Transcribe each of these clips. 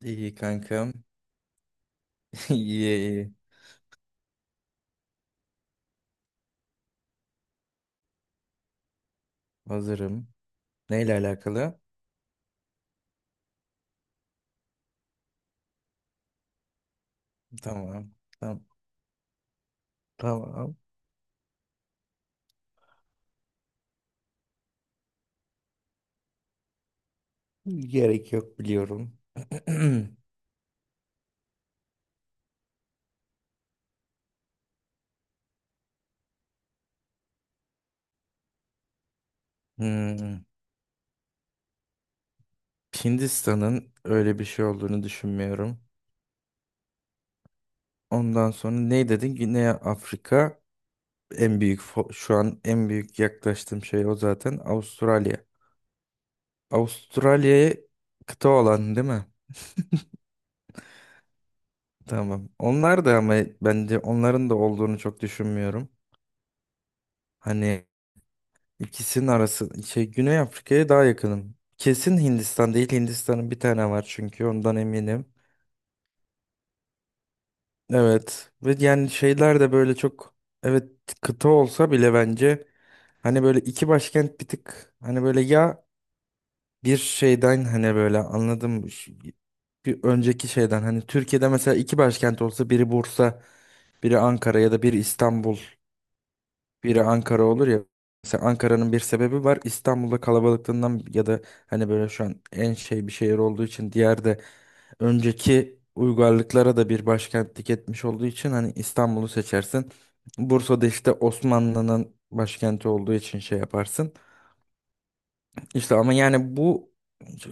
İyi kankam. İyi iyi. Hazırım. Neyle alakalı? Tamam. Tamam. Tamam. Gerek yok biliyorum. Hmm. Hindistan'ın öyle bir şey olduğunu düşünmüyorum. Ondan sonra ne dedin? Güney Afrika en büyük şu an en büyük yaklaştığım şey o zaten Avustralya. Avustralya'ya kıta olan değil mi? Tamam. Onlar da ama bence onların da olduğunu çok düşünmüyorum. Hani İkisinin arası şey, Güney Afrika'ya daha yakınım. Kesin Hindistan değil. Hindistan'ın bir tane var çünkü ondan eminim. Evet, ve yani şeyler de böyle çok, evet, kıta olsa bile bence hani böyle iki başkent bir tık hani böyle ya, bir şeyden hani böyle anladım bir önceki şeyden hani Türkiye'de mesela iki başkent olsa biri Bursa, biri Ankara ya da biri İstanbul, biri Ankara olur ya. Mesela Ankara'nın bir sebebi var. İstanbul'da kalabalıklığından ya da hani böyle şu an en şey bir şehir olduğu için, diğer de önceki uygarlıklara da bir başkentlik etmiş olduğu için hani İstanbul'u seçersin. Bursa'da işte Osmanlı'nın başkenti olduğu için şey yaparsın. İşte ama yani bu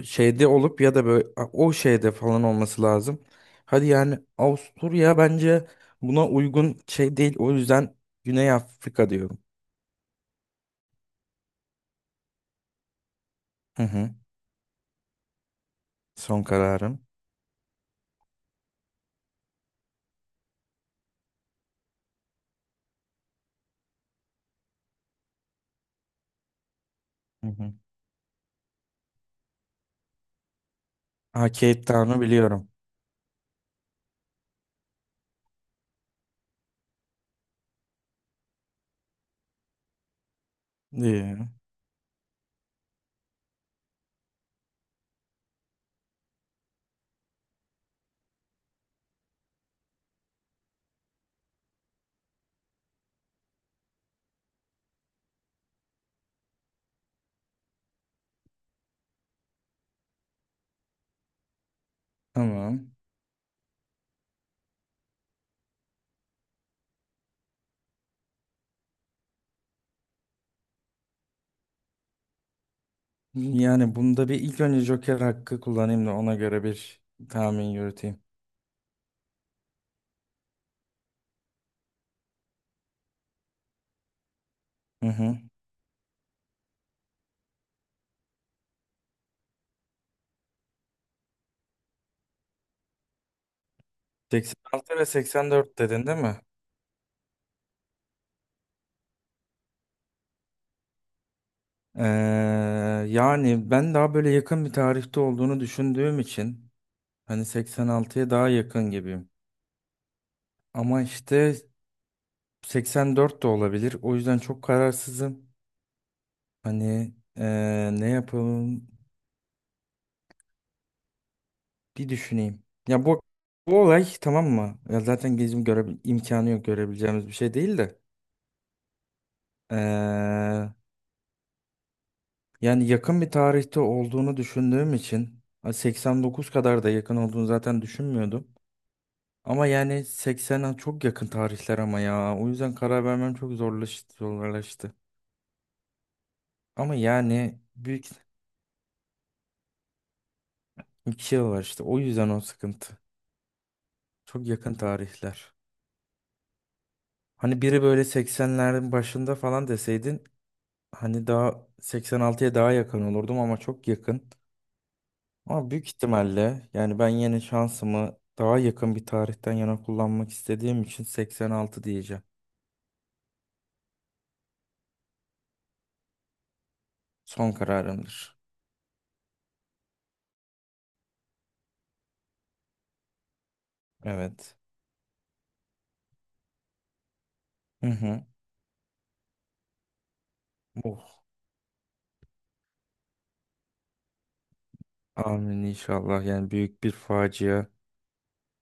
şeyde olup ya da böyle o şeyde falan olması lazım. Hadi yani Avusturya bence buna uygun şey değil. O yüzden Güney Afrika diyorum. Hı hı. Son kararım. Hı hı. Ha, Cape Town'u biliyorum. Ee, tamam. Yani bunda bir ilk önce Joker hakkı kullanayım da ona göre bir tahmin yürüteyim. Hı hı. 86 ve 84 dedin değil mi? Ee, Yani ben daha böyle yakın bir tarihte olduğunu düşündüğüm için hani 86'ya daha yakın gibiyim. Ama işte 84 de olabilir. O yüzden çok kararsızım. Hani ne yapalım? Bir düşüneyim. Ya bu olay tamam mı? Ya zaten gezim göre imkanı yok, görebileceğimiz bir şey değil de. Ee, yani yakın bir tarihte olduğunu düşündüğüm için 89 kadar da yakın olduğunu zaten düşünmüyordum. Ama yani 80'e çok yakın tarihler ama ya. O yüzden karar vermem çok zorlaştı, zorlaştı. Ama yani büyük, iki yıl var işte. O yüzden o sıkıntı. Çok yakın tarihler. Hani biri böyle 80'lerin başında falan deseydin, hani daha 86'ya daha yakın olurdum ama çok yakın. Ama büyük ihtimalle yani ben yine şansımı daha yakın bir tarihten yana kullanmak istediğim için 86 diyeceğim. Son kararımdır. Evet. Hı hı. Oh, amin inşallah. Yani büyük bir facia.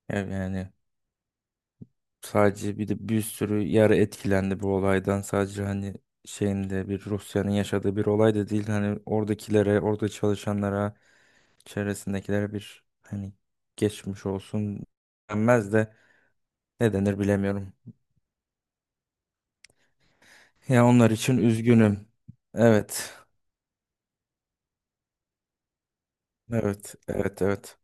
Yani yani sadece, bir de bir sürü yer etkilendi bu olaydan. Sadece hani şeyinde bir Rusya'nın yaşadığı bir olay da değil. Hani oradakilere, orada çalışanlara, çevresindekilere bir hani geçmiş olsun denmez de ne denir bilemiyorum. Ya onlar için üzgünüm. Evet. Evet. Evet. Evet.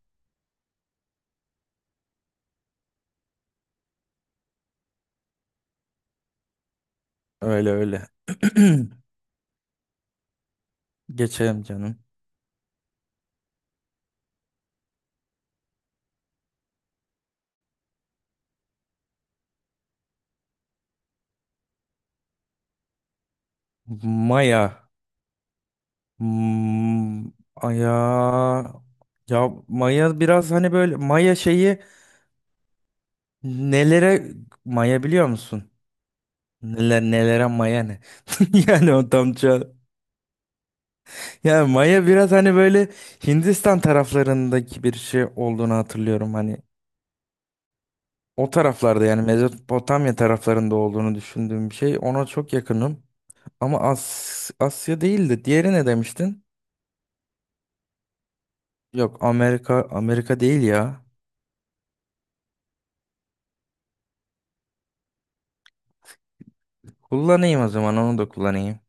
Öyle öyle. Geçelim canım. Maya. Hmm, Aya. Ya Maya biraz hani böyle Maya şeyi, nelere Maya biliyor musun? Neler nelere Maya ne? Yani o tam ça- Ya Maya biraz hani böyle Hindistan taraflarındaki bir şey olduğunu hatırlıyorum. Hani o taraflarda, yani Mezopotamya taraflarında olduğunu düşündüğüm bir şey. Ona çok yakınım. Ama Asya değildi. Diğeri ne demiştin? Yok, Amerika, Amerika değil ya. Kullanayım, o zaman onu da kullanayım.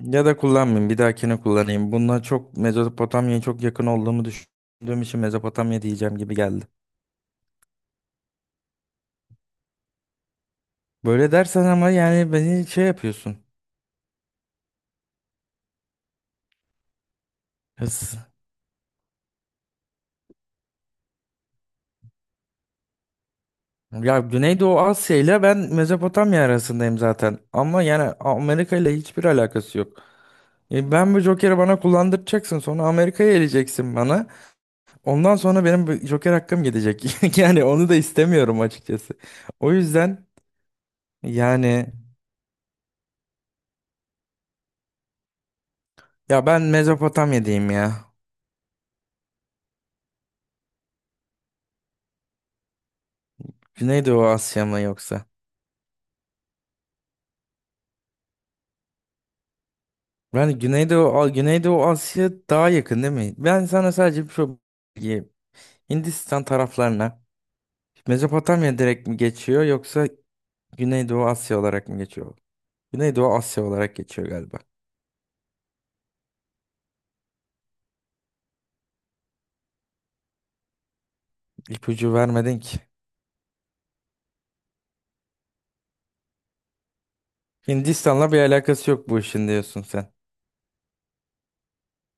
Ya da kullanmayayım, bir dahakine kullanayım. Bununla çok Mezopotamya'ya çok yakın olduğumu düşündüğüm için Mezopotamya diyeceğim gibi geldi. Böyle dersen ama yani beni şey yapıyorsun. Ya Güneydoğu Asya ile ben Mezopotamya arasındayım zaten. Ama yani Amerika ile hiçbir alakası yok. Ben bu Joker'i bana kullandıracaksın. Sonra Amerika'ya eleceksin bana. Ondan sonra benim bu Joker hakkım gidecek. Yani onu da istemiyorum açıkçası. O yüzden yani, ya ben Mezopotamya diyeyim ya. Güneydoğu Asya mı yoksa? Ben Güneydoğu, Güneydoğu Asya daha yakın değil mi? Ben sana sadece şu bilgiyi- Hindistan taraflarına Mezopotamya direkt mi geçiyor yoksa Güneydoğu Asya olarak mı geçiyor? Güneydoğu Asya olarak geçiyor galiba. İpucu vermedin ki. Hindistan'la bir alakası yok bu işin diyorsun sen.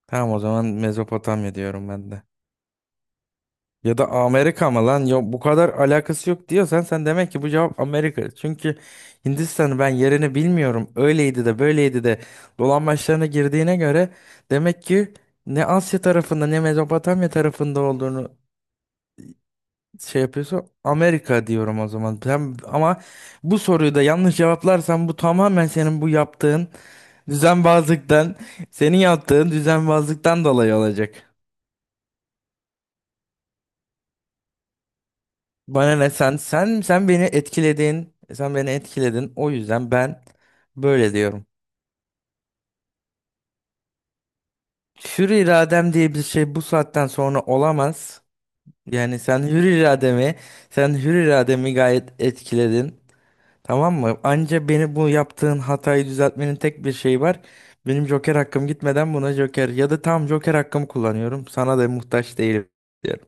Tamam, o zaman Mezopotamya diyorum ben de. Ya da Amerika mı lan? Yok, bu kadar alakası yok diyorsan sen, demek ki bu cevap Amerika. Çünkü Hindistan'ı ben yerini bilmiyorum. Öyleydi de böyleydi de dolambaçlarına girdiğine göre, demek ki ne Asya tarafında ne Mezopotamya tarafında olduğunu şey yapıyorsa, Amerika diyorum o zaman. Sen, ama bu soruyu da yanlış cevaplarsan, bu tamamen senin bu yaptığın düzenbazlıktan, senin yaptığın düzenbazlıktan dolayı olacak. Bana ne, sen beni etkiledin. Sen beni etkiledin. O yüzden ben böyle diyorum. Hür iradem diye bir şey bu saatten sonra olamaz. Yani sen hür irademi gayet etkiledin. Tamam mı? Anca, beni bu yaptığın hatayı düzeltmenin tek bir şeyi var. Benim Joker hakkım gitmeden buna Joker, ya da tam Joker hakkımı kullanıyorum. Sana da muhtaç değilim diyorum.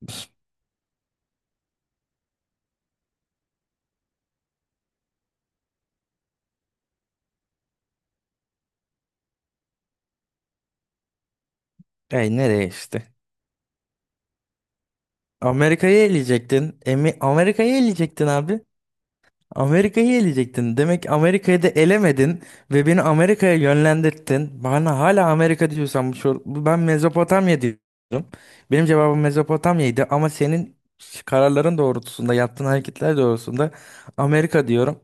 Ey, nereye işte? Amerika'yı eleyecektin. Emi Amerika'yı eleyecektin abi. Amerika'yı eleyecektin. Demek Amerika'yı da elemedin ve beni Amerika'ya yönlendirdin. Bana hala Amerika diyorsan bu ben Mezopotamya diyorum. Benim cevabım Mezopotamya'ydı ama senin kararların doğrultusunda, yaptığın hareketler doğrultusunda Amerika diyorum.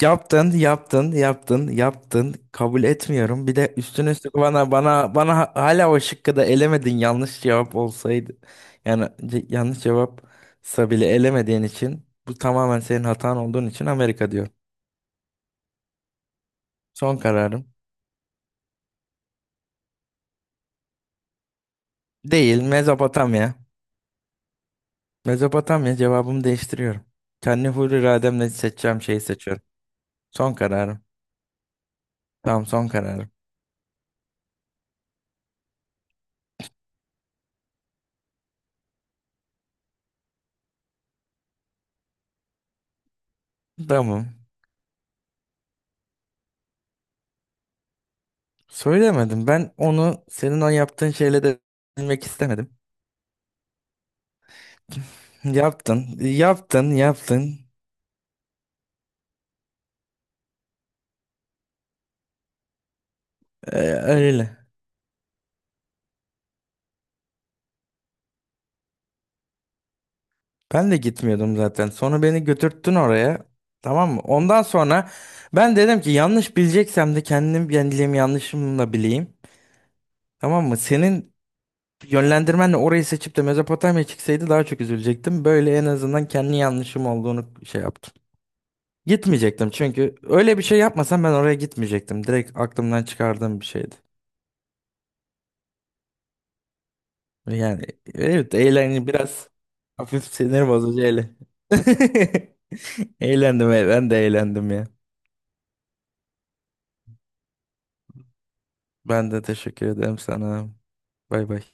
Yaptın, yaptın, yaptın, yaptın. Kabul etmiyorum. Bir de üstüne üstlük bana hala o şıkkı da elemedin. Yanlış cevap olsaydı. Yani yanlış cevapsa bile elemediğin için, bu tamamen senin hatan olduğun için Amerika diyor. Son kararım. Değil, Mezopotamya. Mezopotamya, cevabımı değiştiriyorum. Kendi hür irademle seçeceğim şeyi seçiyorum. Son kararım. Tamam, son kararım. Tamam. Söylemedim. Ben onu senin o yaptığın şeyle de bilmek istemedim. Yaptın, yaptın, yaptın. Öyle. Ben de gitmiyordum zaten. Sonra beni götürttün oraya. Tamam mı? Ondan sonra ben dedim ki, yanlış bileceksem de kendim bileyim, yanlışımla bileyim. Tamam mı? Senin yönlendirmenle orayı seçip de Mezopotamya çıksaydı daha çok üzülecektim. Böyle en azından kendi yanlışım olduğunu şey yaptım. Gitmeyecektim, çünkü öyle bir şey yapmasam ben oraya gitmeyecektim. Direkt aklımdan çıkardığım bir şeydi. Yani evet, eğlen biraz, hafif sinir bozucu eğlen. Eğlendim, ben de eğlendim ya. Ben de teşekkür ederim sana. Bay bay.